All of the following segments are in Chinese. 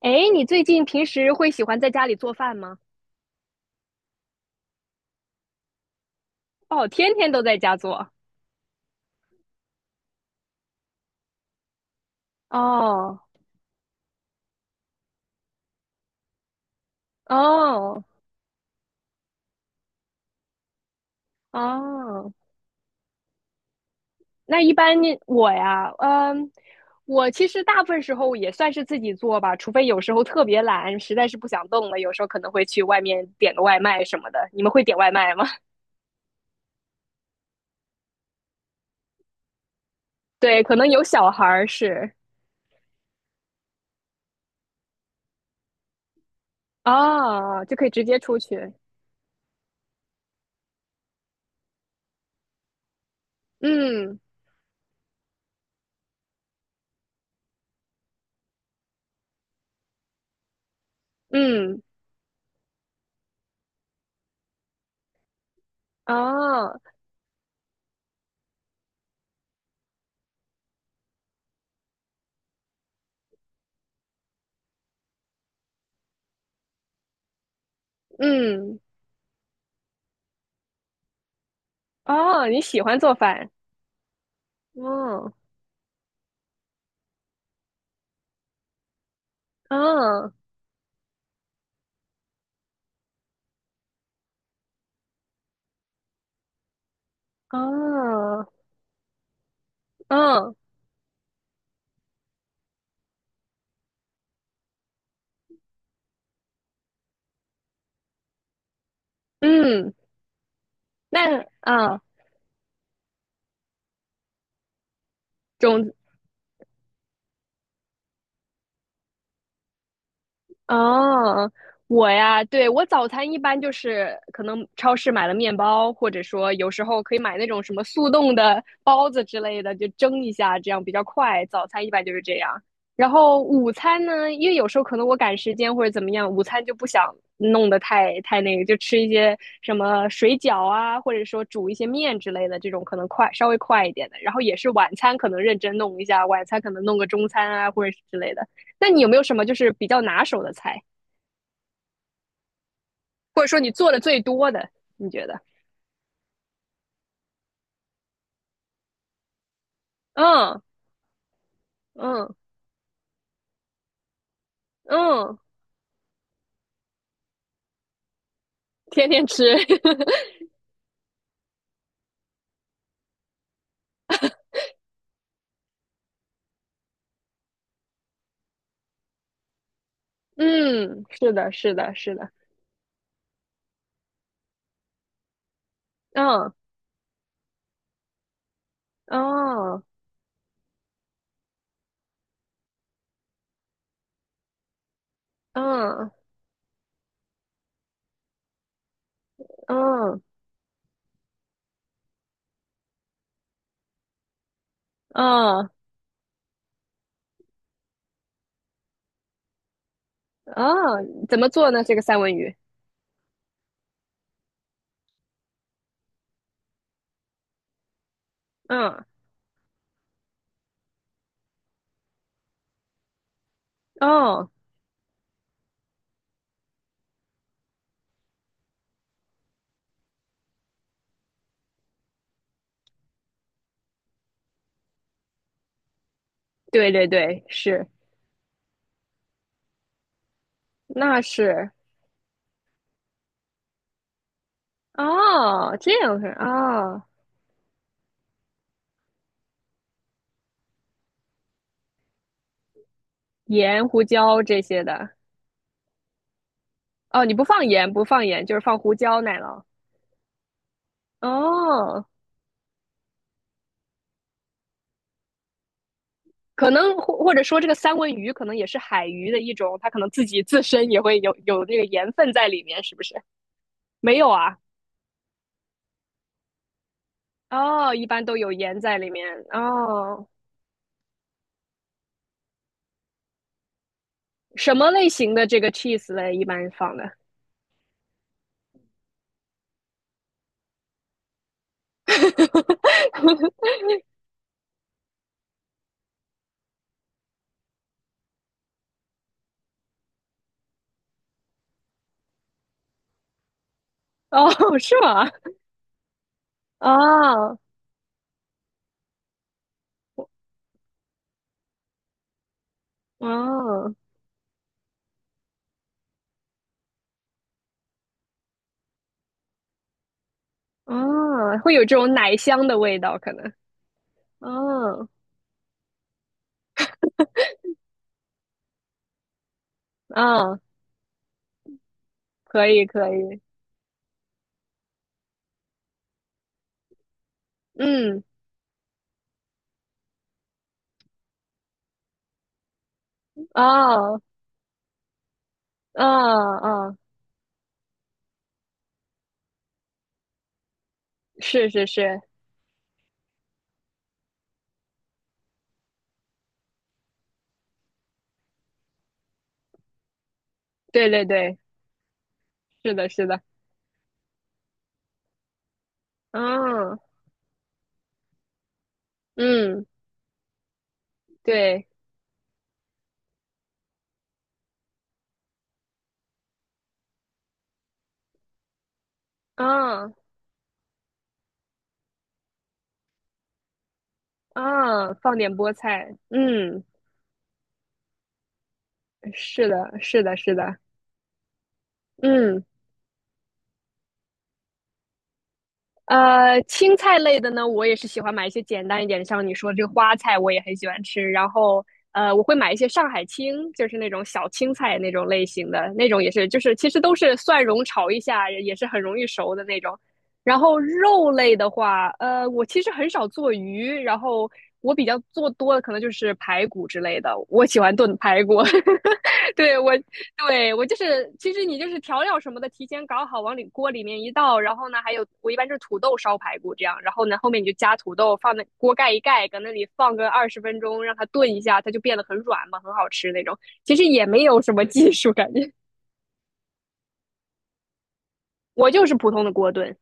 哎，你最近平时会喜欢在家里做饭吗？哦，天天都在家做。哦哦哦，那一般你我呀，我其实大部分时候也算是自己做吧，除非有时候特别懒，实在是不想动了，有时候可能会去外面点个外卖什么的。你们会点外卖吗？对，可能有小孩儿是哦，就可以直接出去。嗯嗯，哦嗯哦，你喜欢做饭？嗯嗯哦，嗯嗯，那啊，种哦，我呀，对，我早餐一般就是可能超市买了面包，或者说有时候可以买那种什么速冻的包子之类的，就蒸一下，这样比较快。早餐一般就是这样。然后午餐呢，因为有时候可能我赶时间或者怎么样，午餐就不想弄得太那个，就吃一些什么水饺啊，或者说煮一些面之类的这种，可能快稍微快一点的。然后也是晚餐可能认真弄一下，晚餐可能弄个中餐啊或者是之类的。那你有没有什么就是比较拿手的菜，或者说你做的最多的？你觉得？嗯嗯嗯，天天吃。嗯，是的，是的，是的。嗯哦嗯嗯嗯嗯，怎么做呢？这个三文鱼？嗯哦，对对对，是，那是哦，这样是哦，盐、胡椒这些的。哦，你不放盐，不放盐，就是放胡椒奶酪。哦可能或者说这个三文鱼可能也是海鱼的一种，它可能自己自身也会有这个盐分在里面，是不是？没有啊？哦，一般都有盐在里面。哦，什么类型的这个 cheese 嘞？一般放的？哦，是吗？哦，哦，哦，会有这种奶香的味道，可能。哦，哦，可以，可以。嗯，哦，哦，哦，是是是，对对对，是的，是的。嗯嗯。对，啊啊，放点菠菜，嗯，是的，是的，是的，嗯。青菜类的呢，我也是喜欢买一些简单一点的，像你说这个花菜，我也很喜欢吃。然后，我会买一些上海青，就是那种小青菜那种类型的，那种也是，就是其实都是蒜蓉炒一下，也是很容易熟的那种。然后肉类的话，我其实很少做鱼，然后我比较做多的可能就是排骨之类的，我喜欢炖排骨。对，我就是，其实你就是调料什么的提前搞好，往里锅里面一倒，然后呢，还有我一般就是土豆烧排骨这样，然后呢后面你就加土豆，放那锅盖一盖，搁那里放个20分钟，让它炖一下，它就变得很软嘛，很好吃那种。其实也没有什么技术，感觉我就是普通的锅炖。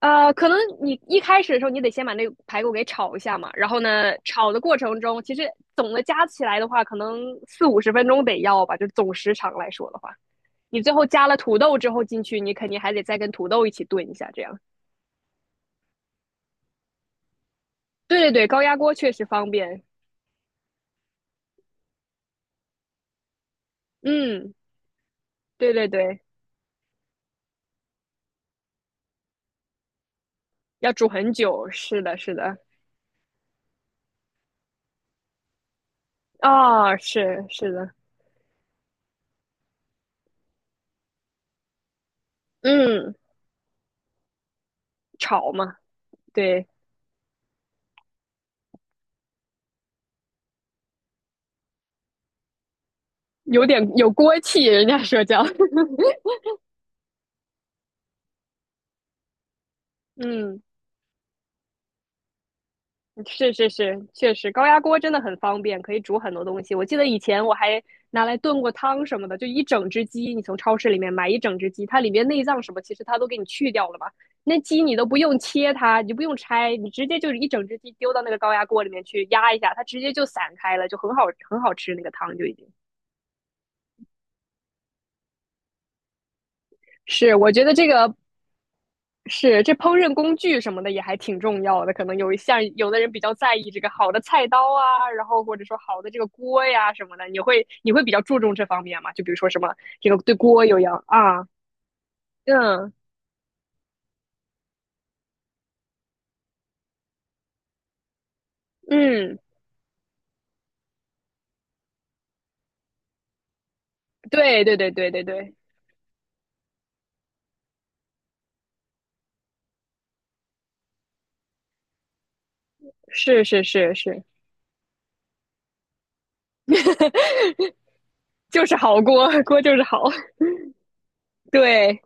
可能你一开始的时候，你得先把那个排骨给炒一下嘛。然后呢，炒的过程中，其实总的加起来的话，可能四五十分钟得要吧，就总时长来说的话。你最后加了土豆之后进去，你肯定还得再跟土豆一起炖一下，这样。对对对，高压锅确实方便。嗯，对对对，要煮很久。是的，是的，啊、是是的，嗯，炒嘛，对，有点有锅气，人家说叫，嗯。是是是，确实高压锅真的很方便，可以煮很多东西。我记得以前我还拿来炖过汤什么的，就一整只鸡，你从超市里面买一整只鸡，它里面内脏什么其实它都给你去掉了嘛，那鸡你都不用切它，你就不用拆，你直接就是一整只鸡丢到那个高压锅里面去压一下，它直接就散开了，就很好很好吃那个汤就已经。是，我觉得这个是，这烹饪工具什么的也还挺重要的，可能有一项有的人比较在意这个好的菜刀啊，然后或者说好的这个锅呀什么的，你会你会比较注重这方面吗？就比如说什么这个对锅有要啊，嗯嗯，对对对对对对，是是是是，就是好锅，锅就是好，对，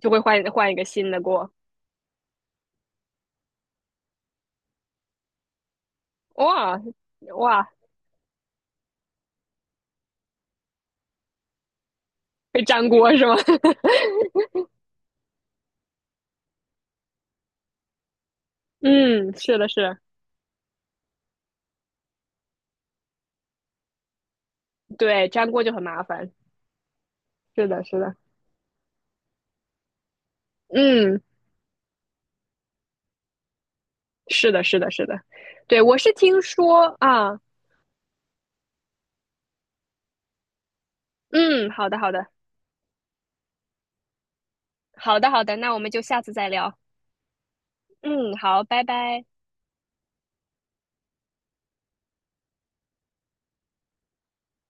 就会换一个新的锅，哇哇，会粘锅是吗？嗯，是的是的对，粘锅就很麻烦，是的是的，嗯。是的，是的，是的，对，我是听说啊，嗯，好的，好的，好的，好的，那我们就下次再聊，嗯，好，拜拜。